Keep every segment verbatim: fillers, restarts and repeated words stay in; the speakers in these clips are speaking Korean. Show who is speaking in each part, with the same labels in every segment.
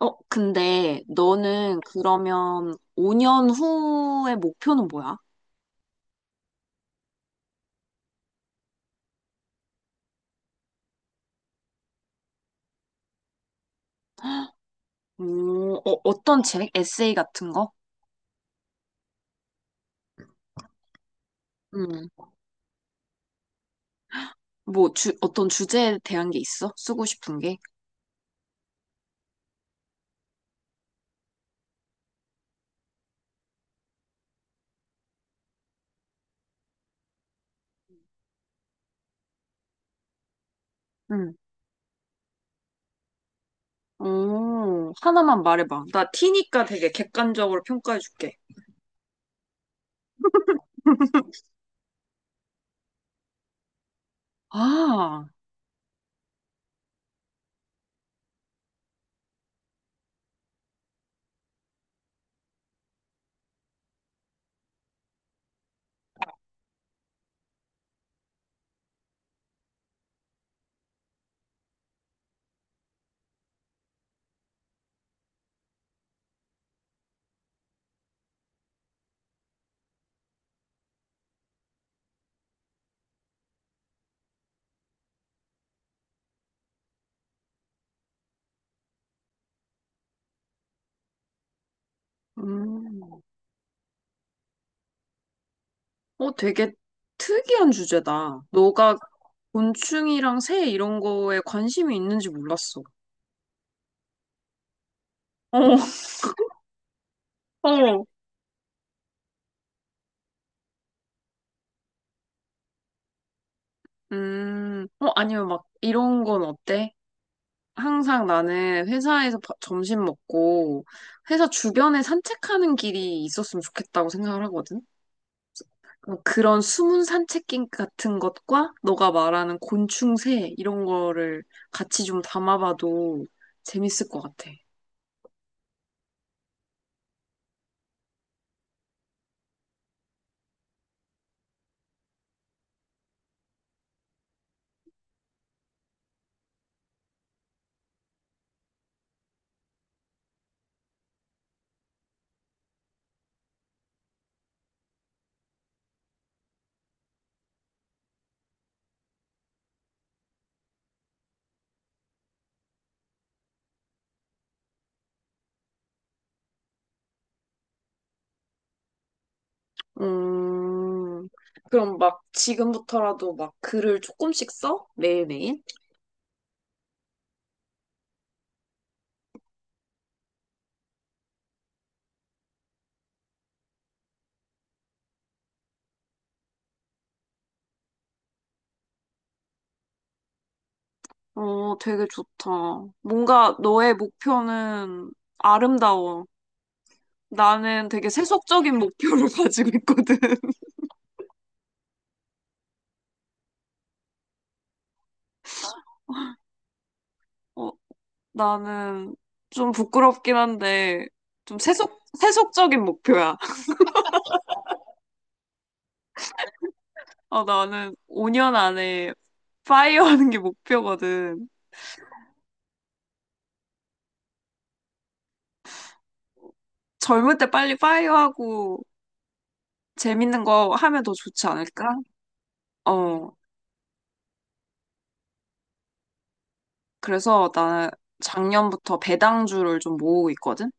Speaker 1: 어, 근데 너는 그러면 오 년 후의 목표는 뭐야? 오, 어, 어떤 책? 에세이 같은 거? 음. 뭐, 주, 어떤 주제에 대한 게 있어? 쓰고 싶은 게? 음. 오, 하나만 말해봐. 나 티니까 되게 객관적으로 평가해줄게. 아, 음. 어, 되게 특이한 주제다. 너가 곤충이랑 새 이런 거에 관심이 있는지 몰랐어. 어, 어. 음, 어, 아니면 막 이런 건 어때? 항상 나는 회사에서 바- 점심 먹고 회사 주변에 산책하는 길이 있었으면 좋겠다고 생각을 하거든. 어, 그런 숨은 산책길 같은 것과 너가 말하는 곤충새 이런 거를 같이 좀 담아봐도 재밌을 것 같아. 음, 그럼 막 지금부터라도 막 글을 조금씩 써? 매일매일? 어, 되게 좋다. 뭔가 너의 목표는 아름다워. 나는 되게 세속적인 목표를 가지고 있거든. 어, 나는 좀 부끄럽긴 한데, 좀 세속, 세속적인 목표야. 어, 나는 오 년 안에 파이어 하는 게 목표거든. 젊을 때 빨리 파이어 하고 재밌는 거 하면 더 좋지 않을까? 어, 그래서 나는 작년부터 배당주를 좀 모으고 있거든?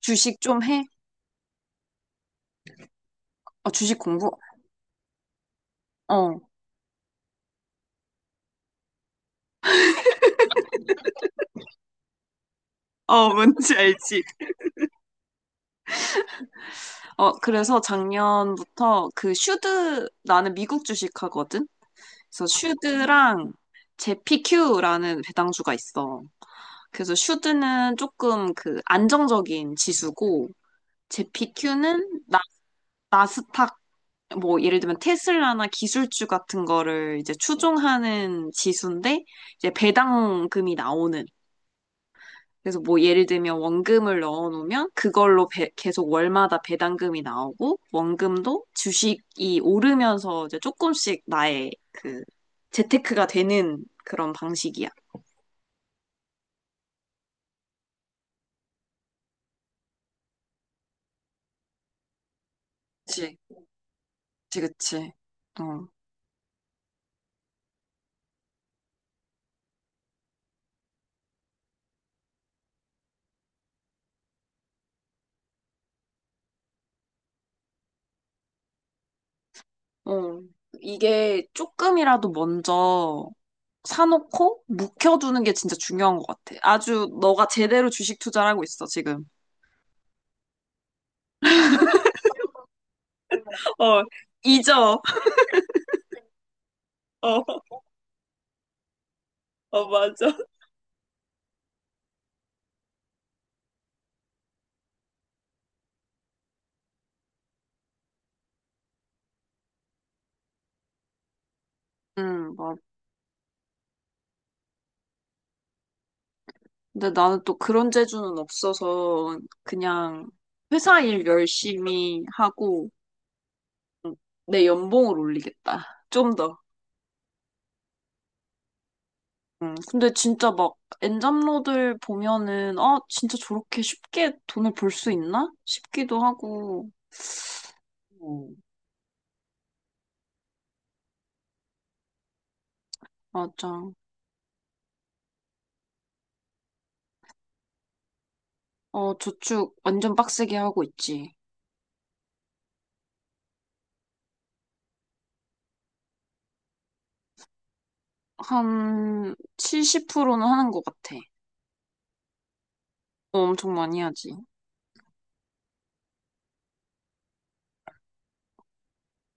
Speaker 1: 주식 좀 해? 어, 주식 공부? 어. 어, 뭔지 알지? 어, 그래서 작년부터 그 슈드, 나는 미국 주식 하거든? 그래서 슈드랑 제피큐라는 배당주가 있어. 그래서 슈드는 조금 그 안정적인 지수고, 제피큐는 나, 나스닥, 뭐 예를 들면 테슬라나 기술주 같은 거를 이제 추종하는 지수인데, 이제 배당금이 나오는 그래서 뭐 예를 들면 원금을 넣어놓으면 그걸로 배- 계속 월마다 배당금이 나오고 원금도 주식이 오르면서 이제 조금씩 나의 그 재테크가 되는 그런 방식이야. 그치, 그치, 그치. 어, 어. 이게 조금이라도 먼저 사놓고 묵혀두는 게 진짜 중요한 것 같아. 아주 너가 제대로 주식 투자를 하고 있어, 지금. 어, 잊어. 어, 어, 맞아. 음, 맞아. 근데 나는 또 그런 재주는 없어서 그냥 회사 일 열심히 하고 음, 내 연봉을 올리겠다. 좀 더. 음, 근데 진짜 막 엔잡러들 보면은 아 진짜 저렇게 쉽게 돈을 벌 수 있나? 싶기도 하고. 어, 맞아. 어, 저축 완전 빡세게 하고 있지. 한 칠십 퍼센트는 하는 것 같아. 어, 엄청 많이 하지.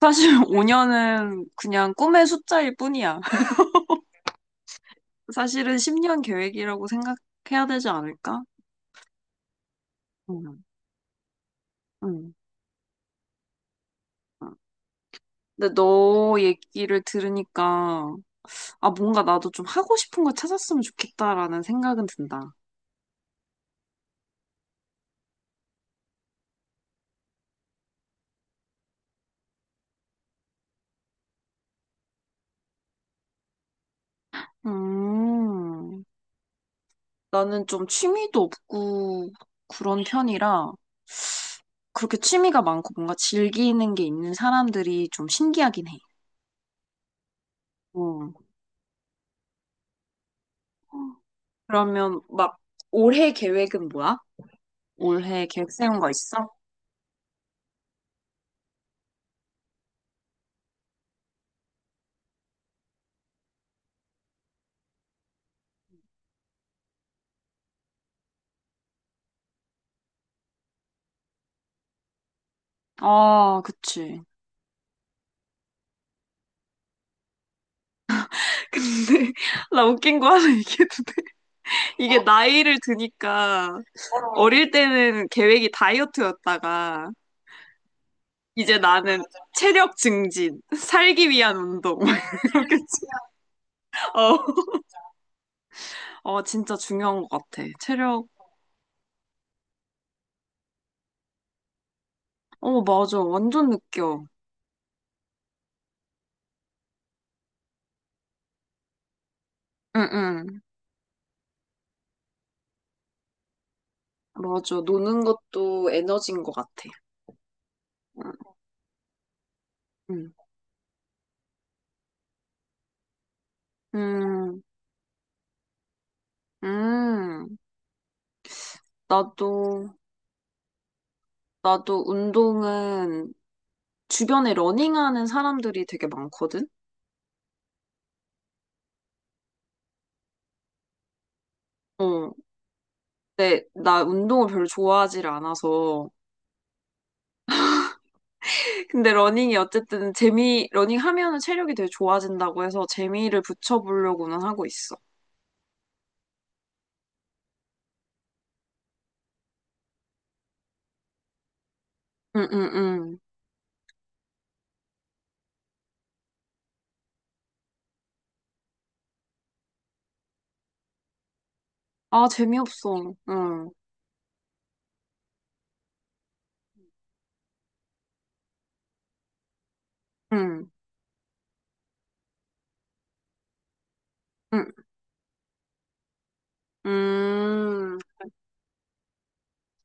Speaker 1: 사실 오 년은 그냥 꿈의 숫자일 뿐이야. 사실은 십 년 계획이라고 생각해야 되지 않을까? 응, 응. 응. 근데 너 얘기를 들으니까, 아, 뭔가 나도 좀 하고 싶은 거 찾았으면 좋겠다라는 생각은 든다. 음, 나는 좀 취미도 없고 그런 편이라, 그렇게 취미가 많고 뭔가 즐기는 게 있는 사람들이 좀 신기하긴 해. 응. 그러면 막 올해 계획은 뭐야? 올해 계획 세운 거 있어? 아, 그치. 근데 나 웃긴 거 하나 얘기해도 돼? 이게 나이를 드니까 어릴 때는 계획이 다이어트였다가 이제 나는 체력 증진, 살기 위한 운동 막 이렇게 지- 어, 어 진짜 중요한 것 같아. 체력. 어 맞아, 완전 느껴. 응응 맞아. 노는 것도 에너지인 것 같아. 응. 응. 음, 음, 나도, 나도 운동은 주변에 러닝하는 사람들이 되게 많거든? 어, 근데 나 운동을 별로 좋아하지를 않아서. 근데 러닝이 어쨌든 재미, 러닝 하면은 체력이 되게 좋아진다고 해서 재미를 붙여보려고는 하고 있어. 응, 응, 응. 아, 재미없어. 응, 응, 응. 음,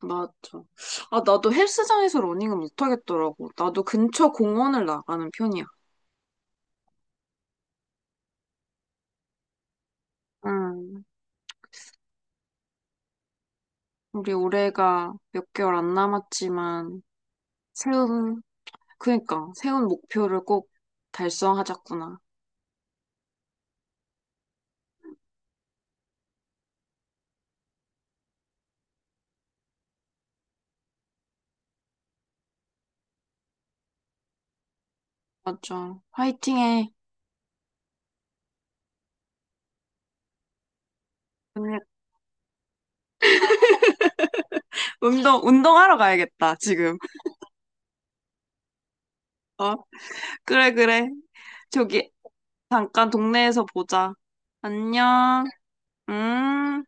Speaker 1: 맞아. 아, 나도 헬스장에서 러닝은 못하겠더라고. 나도 근처 공원을 나가는 편이야. 응. 우리 올해가 몇 개월 안 남았지만, 세운, 그니까, 세운 목표를 꼭 달성하자꾸나. 맞죠. 화이팅해. 오늘 운동, 운동하러 가야겠다, 지금. 어? 그래, 그래. 저기, 잠깐 동네에서 보자. 안녕. 음.